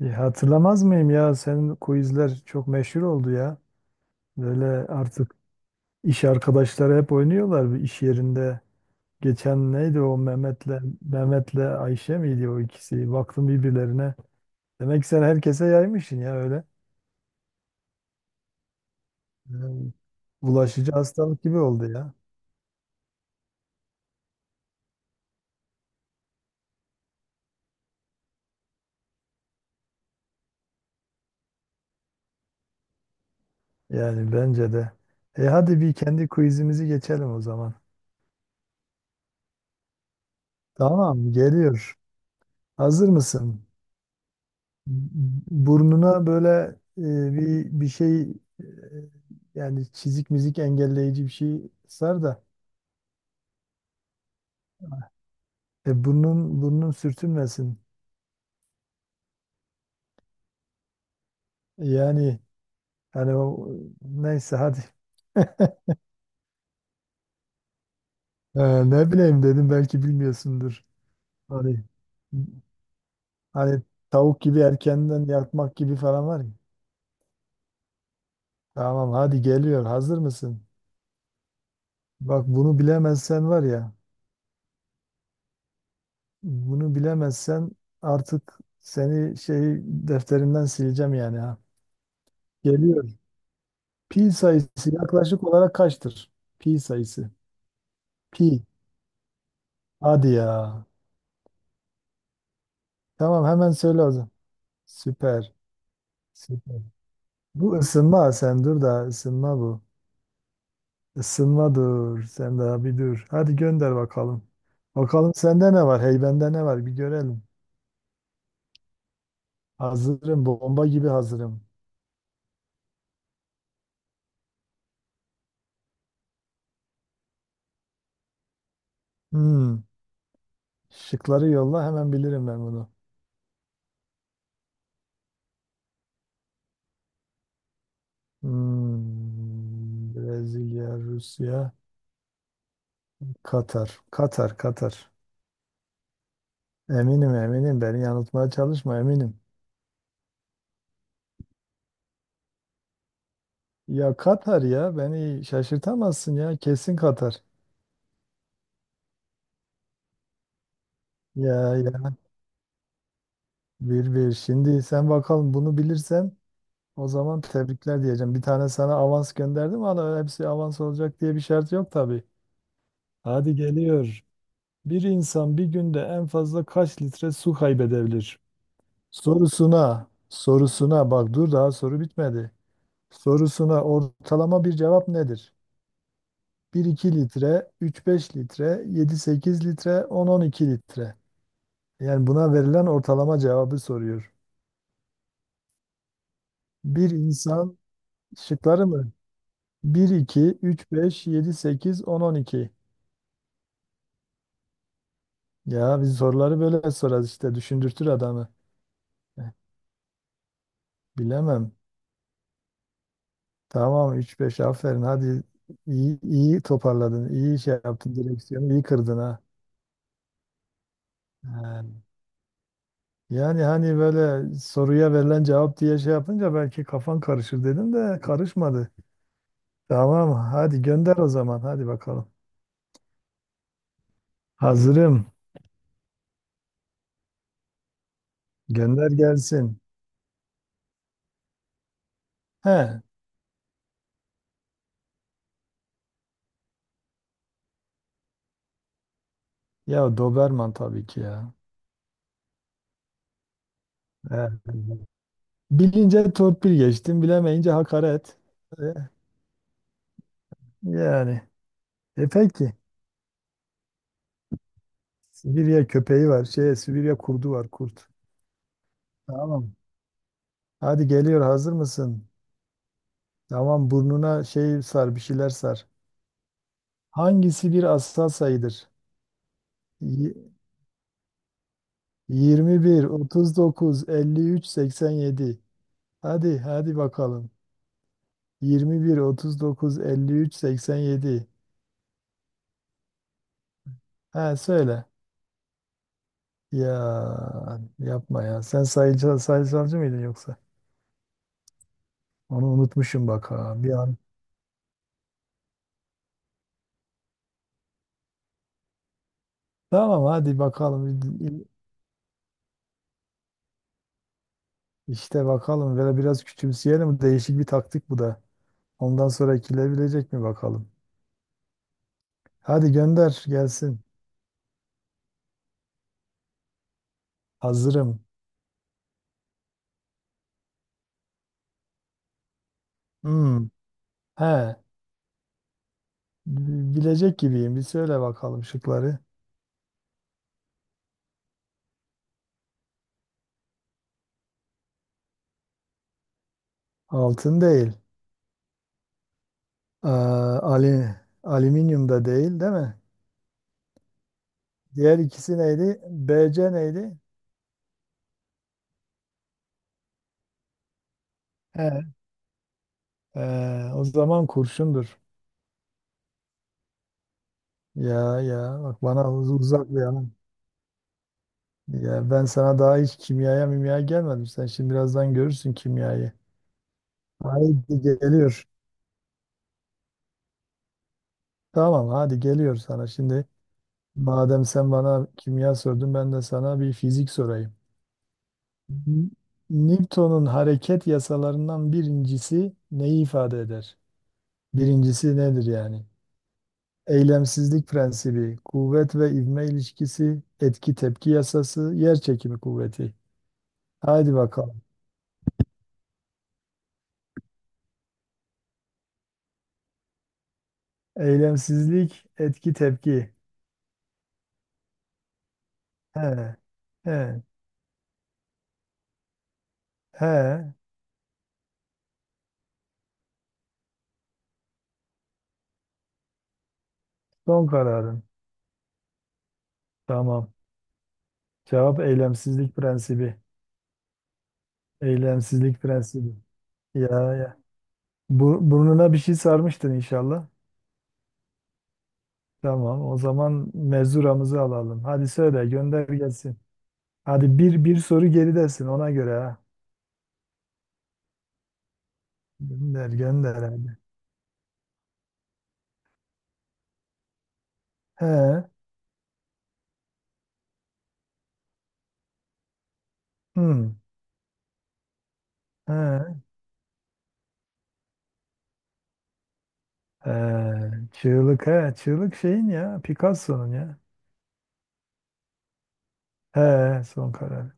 Ya hatırlamaz mıyım ya? Senin quizler çok meşhur oldu ya. Böyle artık iş arkadaşları hep oynuyorlar bir iş yerinde. Geçen neydi o Mehmet'le Ayşe miydi o ikisi? Baktım birbirlerine. Demek ki sen herkese yaymışsın ya öyle. Yani bulaşıcı hastalık gibi oldu ya. Yani bence de. E hadi bir kendi quizimizi geçelim o zaman. Tamam geliyor. Hazır mısın? Burnuna böyle bir şey, e, yani çizik mizik engelleyici bir şey sar da burnun sürtünmesin. Yani hani o neyse hadi. Ne bileyim dedim belki bilmiyorsundur. Hani hani tavuk gibi erkenden yatmak gibi falan var ya. Tamam hadi geliyor. Hazır mısın? Bak bunu bilemezsen var ya. Bunu bilemezsen artık seni şey defterinden sileceğim yani. Geliyor. Pi sayısı yaklaşık olarak kaçtır? Pi sayısı. Pi. Hadi ya. Tamam hemen söyle o zaman. Süper. Süper. Bu ısınma, sen dur da ısınma bu. Isınma dur. Sen daha bir dur. Hadi gönder bakalım. Bakalım sende ne var? Heybende ne var? Bir görelim. Hazırım. Bomba gibi hazırım. Hmm. Şıkları yolla hemen bilirim ben bunu. Hmm. Brezilya, Rusya, Katar. Katar, Katar. Eminim eminim beni yanıltmaya çalışma eminim. Ya Katar ya beni şaşırtamazsın ya kesin Katar. Ya ya bir bir, şimdi sen bakalım bunu bilirsen o zaman tebrikler diyeceğim. Bir tane sana avans gönderdim ama hepsi avans olacak diye bir şart yok tabii. Hadi geliyor. Bir insan bir günde en fazla kaç litre su kaybedebilir? Sorusuna bak dur daha soru bitmedi. Sorusuna ortalama bir cevap nedir? 1-2 litre, 3-5 litre, 7-8 litre, 10-12 litre. Yani buna verilen ortalama cevabı soruyor. Bir insan şıkları mı? 1-2, 3-5, 7-8, 10-12. Ya biz soruları böyle sorarız işte düşündürtür adamı. Eh, Bilemem. Tamam 3-5, aferin hadi. İyi, iyi toparladın. İyi şey yaptın, direksiyonu iyi kırdın ha. Ha. Yani hani böyle soruya verilen cevap diye şey yapınca belki kafan karışır dedim de karışmadı. Tamam, hadi gönder o zaman. Hadi bakalım. Hazırım. Gönder gelsin. He, ya Doberman tabii ki ya. He. Bilince torpil geçtim, bilemeyince hakaret. E, yani. E peki. Sibirya köpeği var. Şey, Sibirya kurdu var, kurt. Tamam. Hadi geliyor, hazır mısın? Tamam, burnuna şey sar, bir şeyler sar. Hangisi bir asal sayıdır? Y- 21, 39, 53, 87. Hadi, hadi bakalım. 21, 39, 53, 87. Ha söyle. Ya yapma ya. Sen sayıcı, sayısalcı mıydın yoksa? Onu unutmuşum bak ha bir an. Tamam hadi bakalım. İşte bakalım. Böyle biraz küçümseyelim. Değişik bir taktik bu da. Ondan sonra ekilebilecek mi bakalım. Hadi gönder gelsin. Hazırım. Hmm. He. Bilecek gibiyim. Bir söyle bakalım şıkları. Altın değil. Aa, alüminyum da değil, değil mi? Diğer ikisi neydi? BC neydi? He, o zaman kurşundur. Ya ya bak bana uzak bir alan. Ya ben sana daha hiç kimyaya mimyaya gelmedim. Sen şimdi birazdan görürsün kimyayı. Haydi geliyor. Tamam hadi geliyor sana. Şimdi madem sen bana kimya sordun ben de sana bir fizik sorayım. N- Newton'un hareket yasalarından birincisi neyi ifade eder? Birincisi nedir yani? Eylemsizlik prensibi, kuvvet ve ivme ilişkisi, etki tepki yasası, yer çekimi kuvveti. Haydi bakalım. Eylemsizlik, etki tepki. He, he, he. Son kararın. Tamam. Cevap eylemsizlik prensibi. Eylemsizlik prensibi. Ya ya. Burnuna bir şey sarmıştın inşallah. Tamam. O zaman mezuramızı alalım. Hadi söyle, gönder gelsin. Hadi bir soru geridesin ona göre ha. Gönder, gönder hadi. He. Hmm. He. He. Çığlık. He. Çığlık şeyin ya. Picasso'nun ya. He. Son karar.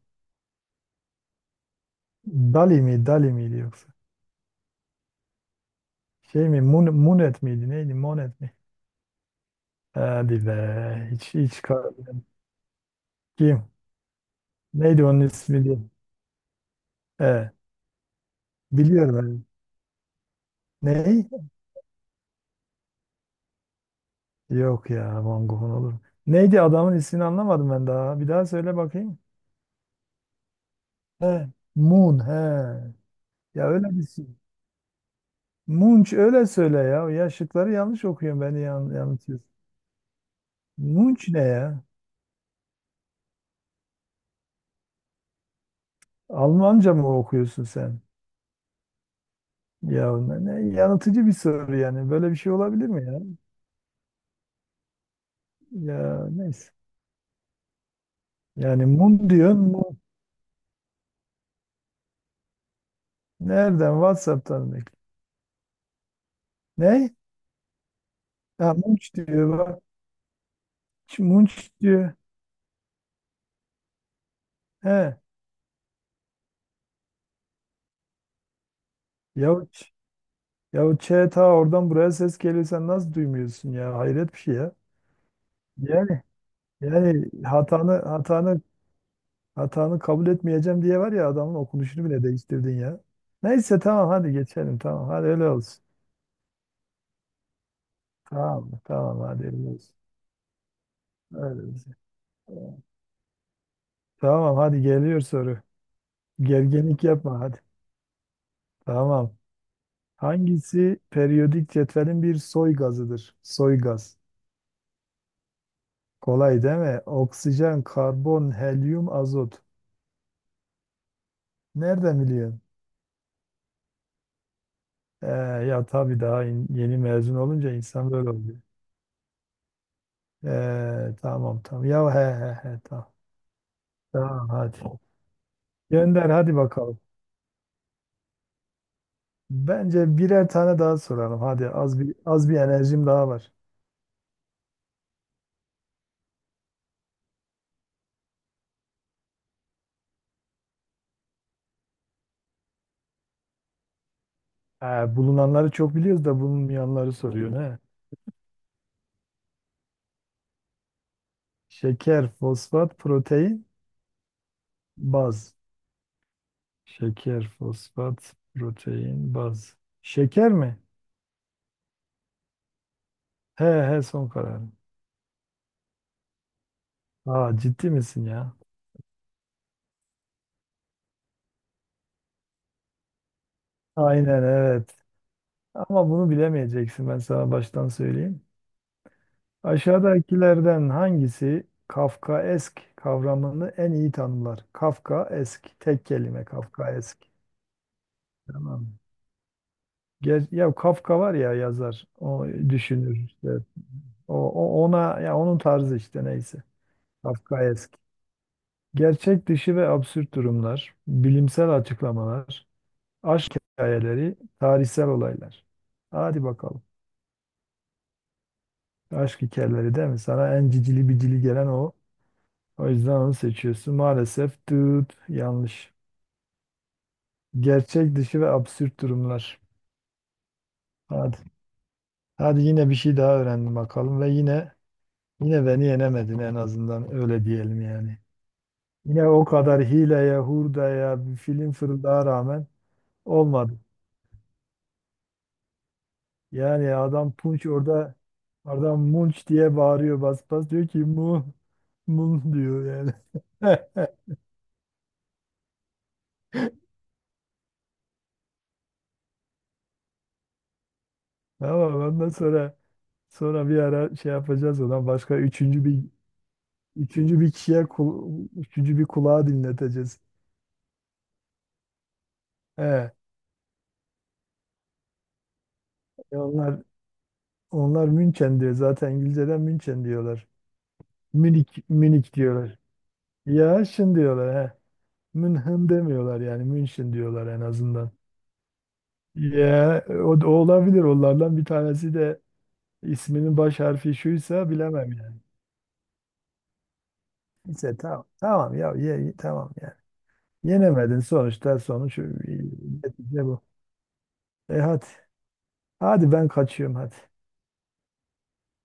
Dali mi? Dali miydi yoksa? Şey mi? Munet miydi? Neydi? Monet mi? Hadi be. Kim? Neydi onun ismi diye. He. Biliyorum ben. Ney? Yok ya. Van Gogh'un olur mu? Neydi adamın ismini anlamadım ben daha. Bir daha söyle bakayım. He. Moon. He. Ya öyle bir şey. Munch öyle söyle ya. Ya şıkları yanlış okuyorum. Beni yanıltıyorsun. Munch ne ya? Almanca mı okuyorsun sen? Ya ne yanıltıcı bir soru yani. Böyle bir şey olabilir mi ya? Ya neyse. Yani mum diyorsun mu? Nereden? WhatsApp'tan mı? Ne? Ha Munch diyor bak. Munch diyor. He. Ya Ç- ya Ç ta oradan buraya ses geliyor sen nasıl duymuyorsun ya? Hayret bir şey ya. Yani yani hatanı kabul etmeyeceğim diye var ya adamın okunuşunu bile değiştirdin ya. Neyse tamam hadi geçelim tamam hadi öyle olsun. Tamam hadi öyle olsun. Öyle olsun. Tamam hadi geliyor soru. Gerginlik yapma hadi. Tamam. Hangisi periyodik cetvelin bir soy gazıdır? Soy gaz. Kolay değil mi? Oksijen, karbon, helyum, azot. Nereden biliyorsun? Ee, ya tabii daha yeni mezun olunca insan böyle oluyor. Tamam tamam. Ya he he he tamam. Tamam hadi. Gönder hadi bakalım. Bence birer tane daha soralım. Hadi az bir enerjim daha var. Ha, bulunanları çok biliyoruz da bulunmayanları soruyor ne? Şeker, fosfat, protein, baz. Şeker, fosfat, protein, baz. Şeker mi? He he son kararım. Aa ciddi misin ya? Aynen evet. Ama bunu bilemeyeceksin ben sana baştan söyleyeyim. Aşağıdakilerden hangisi Kafkaesk kavramını en iyi tanımlar? Kafkaesk tek kelime Kafkaesk. Tamam. Ya Kafka var ya yazar. O düşünür işte. Ona ya onun tarzı işte neyse. Kafkaesk. Gerçek dışı ve absürt durumlar, bilimsel açıklamalar, aşk hikayeleri, tarihsel olaylar. Hadi bakalım. Aşk hikayeleri değil mi? Sana en cicili bicili gelen o. O yüzden onu seçiyorsun. Maalesef tüt yanlış. Gerçek dışı ve absürt durumlar. Hadi. Hadi yine bir şey daha öğrendim bakalım ve yine beni yenemedin en azından öyle diyelim yani. Yine o kadar hileye, hurdaya, bir film fırıldağa rağmen olmadı. Yani adam Punç orada adam Munç diye bağırıyor bas bas diyor ki mun diyor yani. Tamam ondan sonra bir ara şey yapacağız ondan başka üçüncü bir kişiye üçüncü bir kulağa dinleteceğiz. He, e onlar onlar München diyor zaten İngilizceden München diyorlar. Münih Münih diyorlar. Ya şimdi diyorlar he. Münhen demiyorlar yani München diyorlar en azından. Ya o da olabilir onlardan bir tanesi de isminin baş harfi şuysa bilemem yani. Neyse tamam tamam ya tamam yani. Yenemedin sonuçta sonuç netice bu. E hadi hadi ben kaçıyorum hadi.